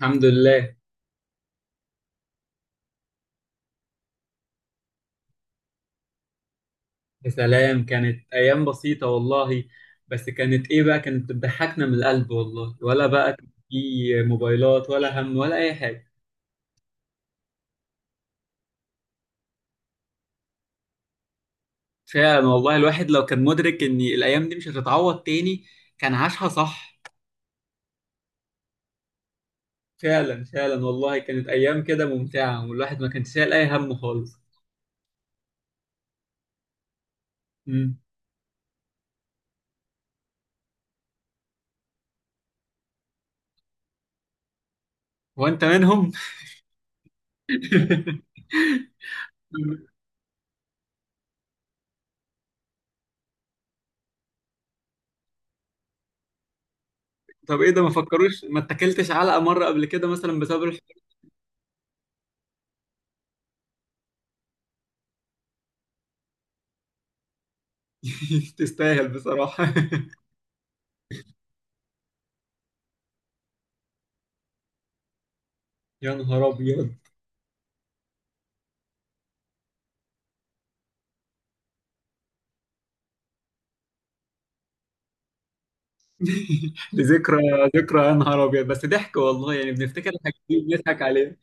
الحمد لله. يا سلام، كانت ايام بسيطه والله. بس كانت ايه بقى، كانت بتضحكنا من القلب والله. ولا بقى كان في موبايلات ولا هم ولا اي حاجه. فعلا والله، الواحد لو كان مدرك ان الايام دي مش هتتعوض تاني كان عاشها صح. فعلا فعلا والله، كانت ايام كده ممتعه والواحد ما كانش شايل اي هم خالص. امم وانت منهم. طب ايه ده، ما فكروش؟ ما اتكلتش علقه مره قبل كده مثلا بسبب تستاهل بصراحه. يا نهار ابيض. دي ذكرى. ذكرى يا نهار ابيض، بس ضحك والله. يعني بنفتكر الحاجات دي بنضحك عليها.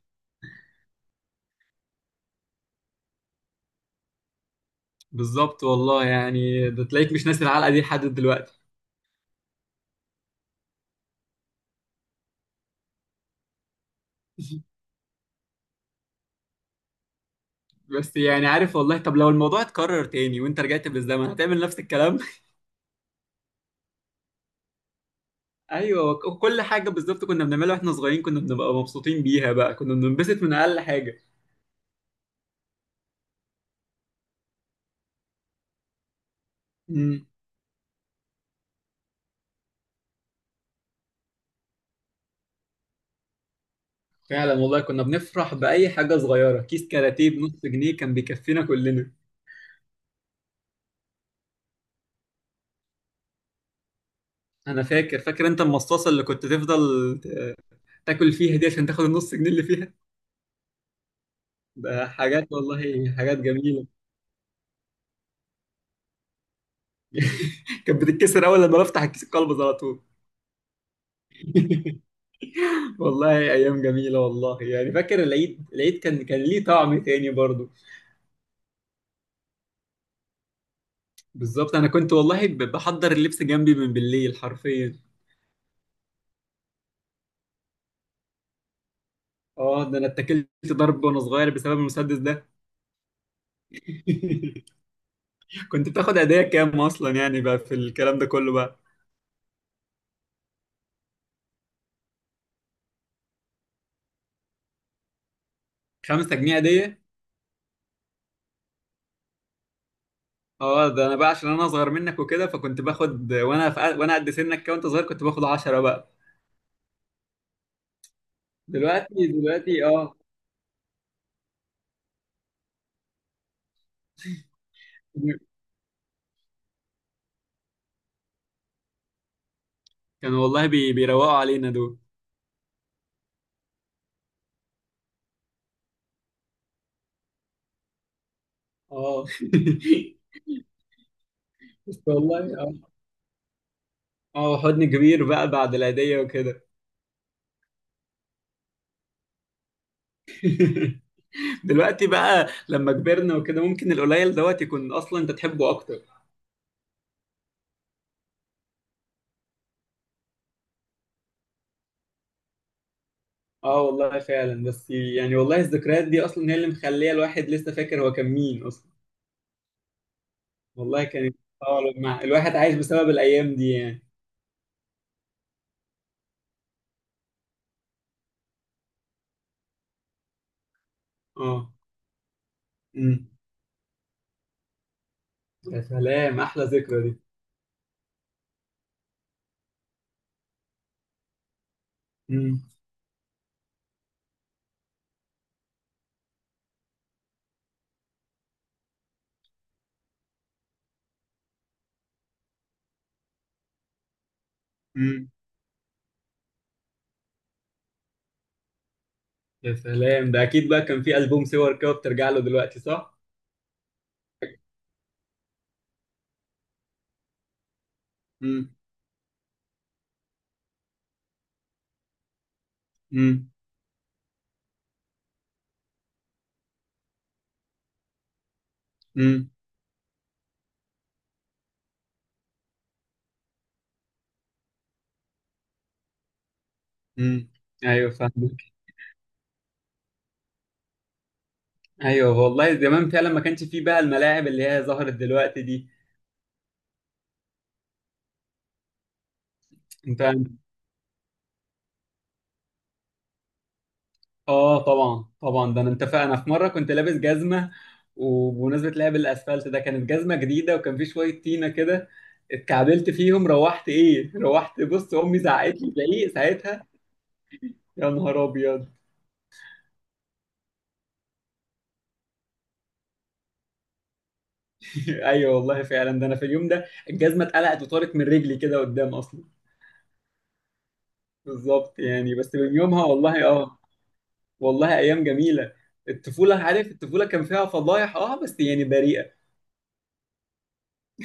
بالظبط والله، يعني ده تلاقيك مش ناسي العلقه دي لحد دلوقتي. بس يعني عارف والله. طب لو الموضوع اتكرر تاني وانت رجعت بالزمن، هتعمل نفس الكلام؟ ايوه، كل حاجه بالظبط كنا بنعملها واحنا صغيرين كنا بنبقى مبسوطين بيها. بقى كنا بننبسط من اقل حاجه. امم فعلا والله كنا بنفرح باي حاجه صغيره. كيس كاراتيه بنص جنيه كان بيكفينا كلنا. انا فاكر فاكر انت المصاصه اللي كنت تفضل ت- تاكل فيها دي عشان تاخد النص جنيه اللي فيها. ده حاجات والله، حاجات جميله. كانت بتتكسر اول لما بفتح الكيس، القلب على طول. والله ايام جميله والله. يعني فاكر العيد، العيد كان ليه طعم تاني برضو. بالظبط، انا كنت والله بحضر اللبس جنبي من بالليل حرفيا. اه ده انا اتكلت ضرب وانا صغير بسبب المسدس ده. كنت بتاخد هديه كام اصلا يعني بقى في الكلام ده كله بقى؟ 5 جنيه هديه؟ اه ده انا بقى عشان انا اصغر منك وكده، فكنت باخد وانا في وانا قد سنك كده، وانت صغير كنت باخد 10 بقى. دلوقتي دلوقتي اه، كانوا والله بي بيروقوا علينا دول. اه، بس والله اه، اه حضن كبير بقى بعد العيدية وكده. دلوقتي بقى لما كبرنا وكده، ممكن القليل دوت يكون اصلا انت تحبه اكتر. اه والله فعلا. بس يعني والله الذكريات دي اصلا هي اللي مخليه الواحد لسه فاكر هو كان مين اصلا. والله كانت اه، لما الواحد عايش بسبب الايام دي يعني. اه. مم. يا سلام احلى ذكرى دي. مم. مم. يا سلام، ده اكيد بقى كان في ألبوم صور كده بترجع له دلوقتي، صح؟ مم. مم. مم. مم. ايوه فاهمك. ايوه والله زمان فعلا ما كانش فيه بقى الملاعب اللي هي ظهرت دلوقتي دي. انت اه طبعا طبعا، ده انا انت انا في مره كنت لابس جزمه. وبمناسبه لعب الاسفلت ده، كانت جزمه جديده وكان في شويه طينه كده. اتكعبلت فيهم، روحت ايه، روحت بص امي زعقت لي زعيق ساعتها. يا نهار ابيض. ايوه والله فعلا، ده انا في اليوم ده الجزمه اتقلعت وطارت من رجلي كده قدام اصلا. بالظبط يعني، بس من يومها والله اه. والله ايام جميله. الطفوله، عارف، الطفوله كان فيها فضايح اه بس يعني بريئه.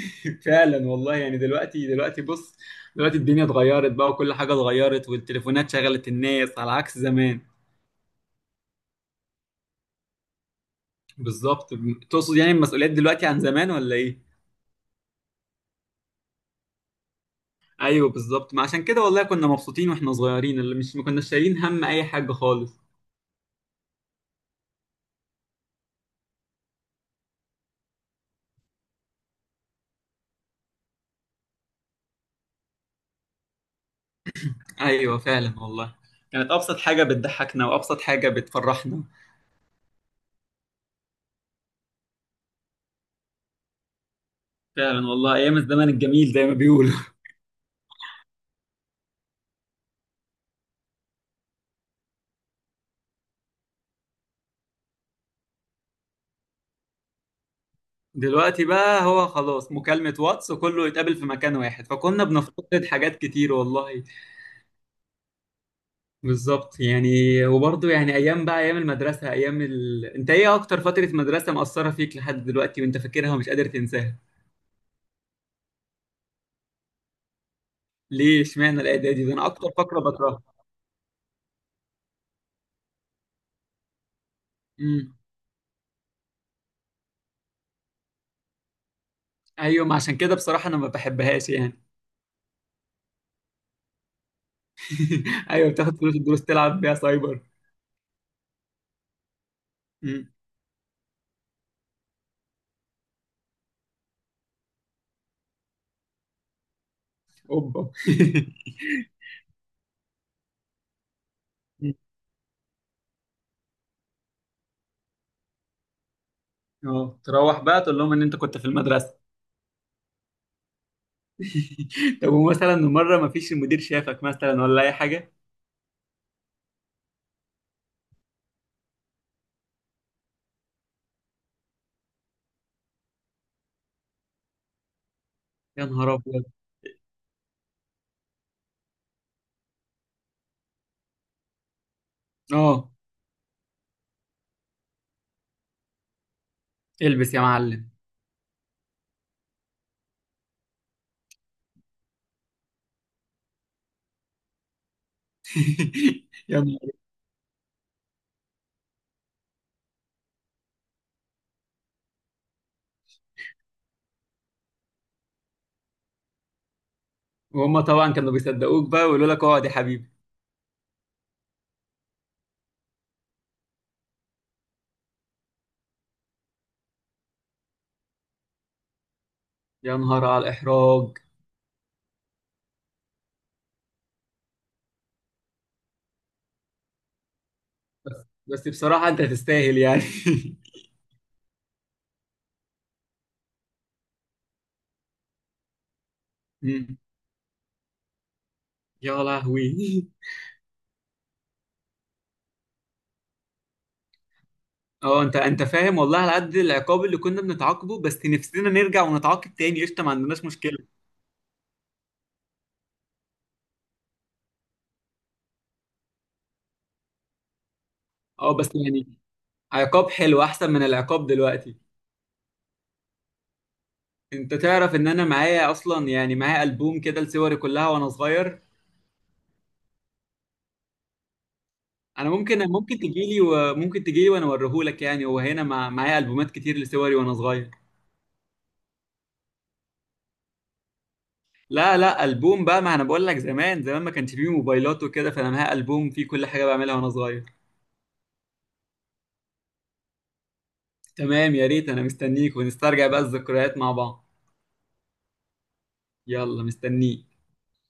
فعلا والله يعني. دلوقتي دلوقتي بص، دلوقتي الدنيا اتغيرت بقى، وكل حاجه اتغيرت والتليفونات شغلت الناس على عكس زمان. بالظبط. تقصد يعني المسؤوليات دلوقتي عن زمان ولا ايه؟ ايوه بالظبط، ما عشان كده والله كنا مبسوطين واحنا صغيرين، اللي مش ما كناش شايلين هم اي حاجه خالص. ايوه فعلا والله، كانت ابسط حاجه بتضحكنا وابسط حاجه بتفرحنا. فعلا والله ايام الزمن الجميل زي ما بيقولوا. دلوقتي بقى هو خلاص، مكالمه واتس وكله يتقابل في مكان واحد، فكنا بنفتقد حاجات كتير والله. بالظبط يعني. وبرضه يعني ايام بقى، ايام المدرسه، ايام انت ايه اكتر فتره مدرسه مأثره فيك لحد دلوقتي وانت فاكرها ومش قادر تنساها؟ ليه اشمعنى الاعدادي؟ ده انا اكتر فقره بكرهها. امم ايوه ما عشان كده بصراحه انا ما بحبهاش يعني. ايوه بتاخد فلوس الدروس تلعب بيها سايبر. اوبا. اه تروح بقى تقول لهم ان انت كنت في المدرسه. طب ومثلا مره ما فيش المدير شافك مثلا ولا اي حاجه؟ يا نهار ابيض. اه البس يا معلم. يا نهار. وهم طبعا كانوا بيصدقوك بقى ويقولوا لك اقعد يا حبيبي. يا نهار على الاحراج. بس بصراحه انت تستاهل يعني. مم. يا لهوي. اه انت فاهم والله، على قد العقاب اللي كنا بنتعاقبه بس نفسنا نرجع ونتعاقب تاني، قشطه ما عندناش مشكله. اه بس يعني عقاب حلو احسن من العقاب دلوقتي. انت تعرف ان انا معايا اصلا يعني، معايا البوم كده لصوري كلها وانا صغير. انا ممكن تجيلي وممكن تجيلي وانا اوريهولك، يعني هو هنا معايا البومات كتير لصوري وانا صغير. لا لا، البوم بقى، ما انا بقول لك زمان زمان ما كانش فيه موبايلات وكده، فانا معايا البوم فيه كل حاجه بعملها وانا صغير. تمام يا ريت، انا مستنيك ونسترجع بقى الذكريات مع بعض. يلا مستنيك.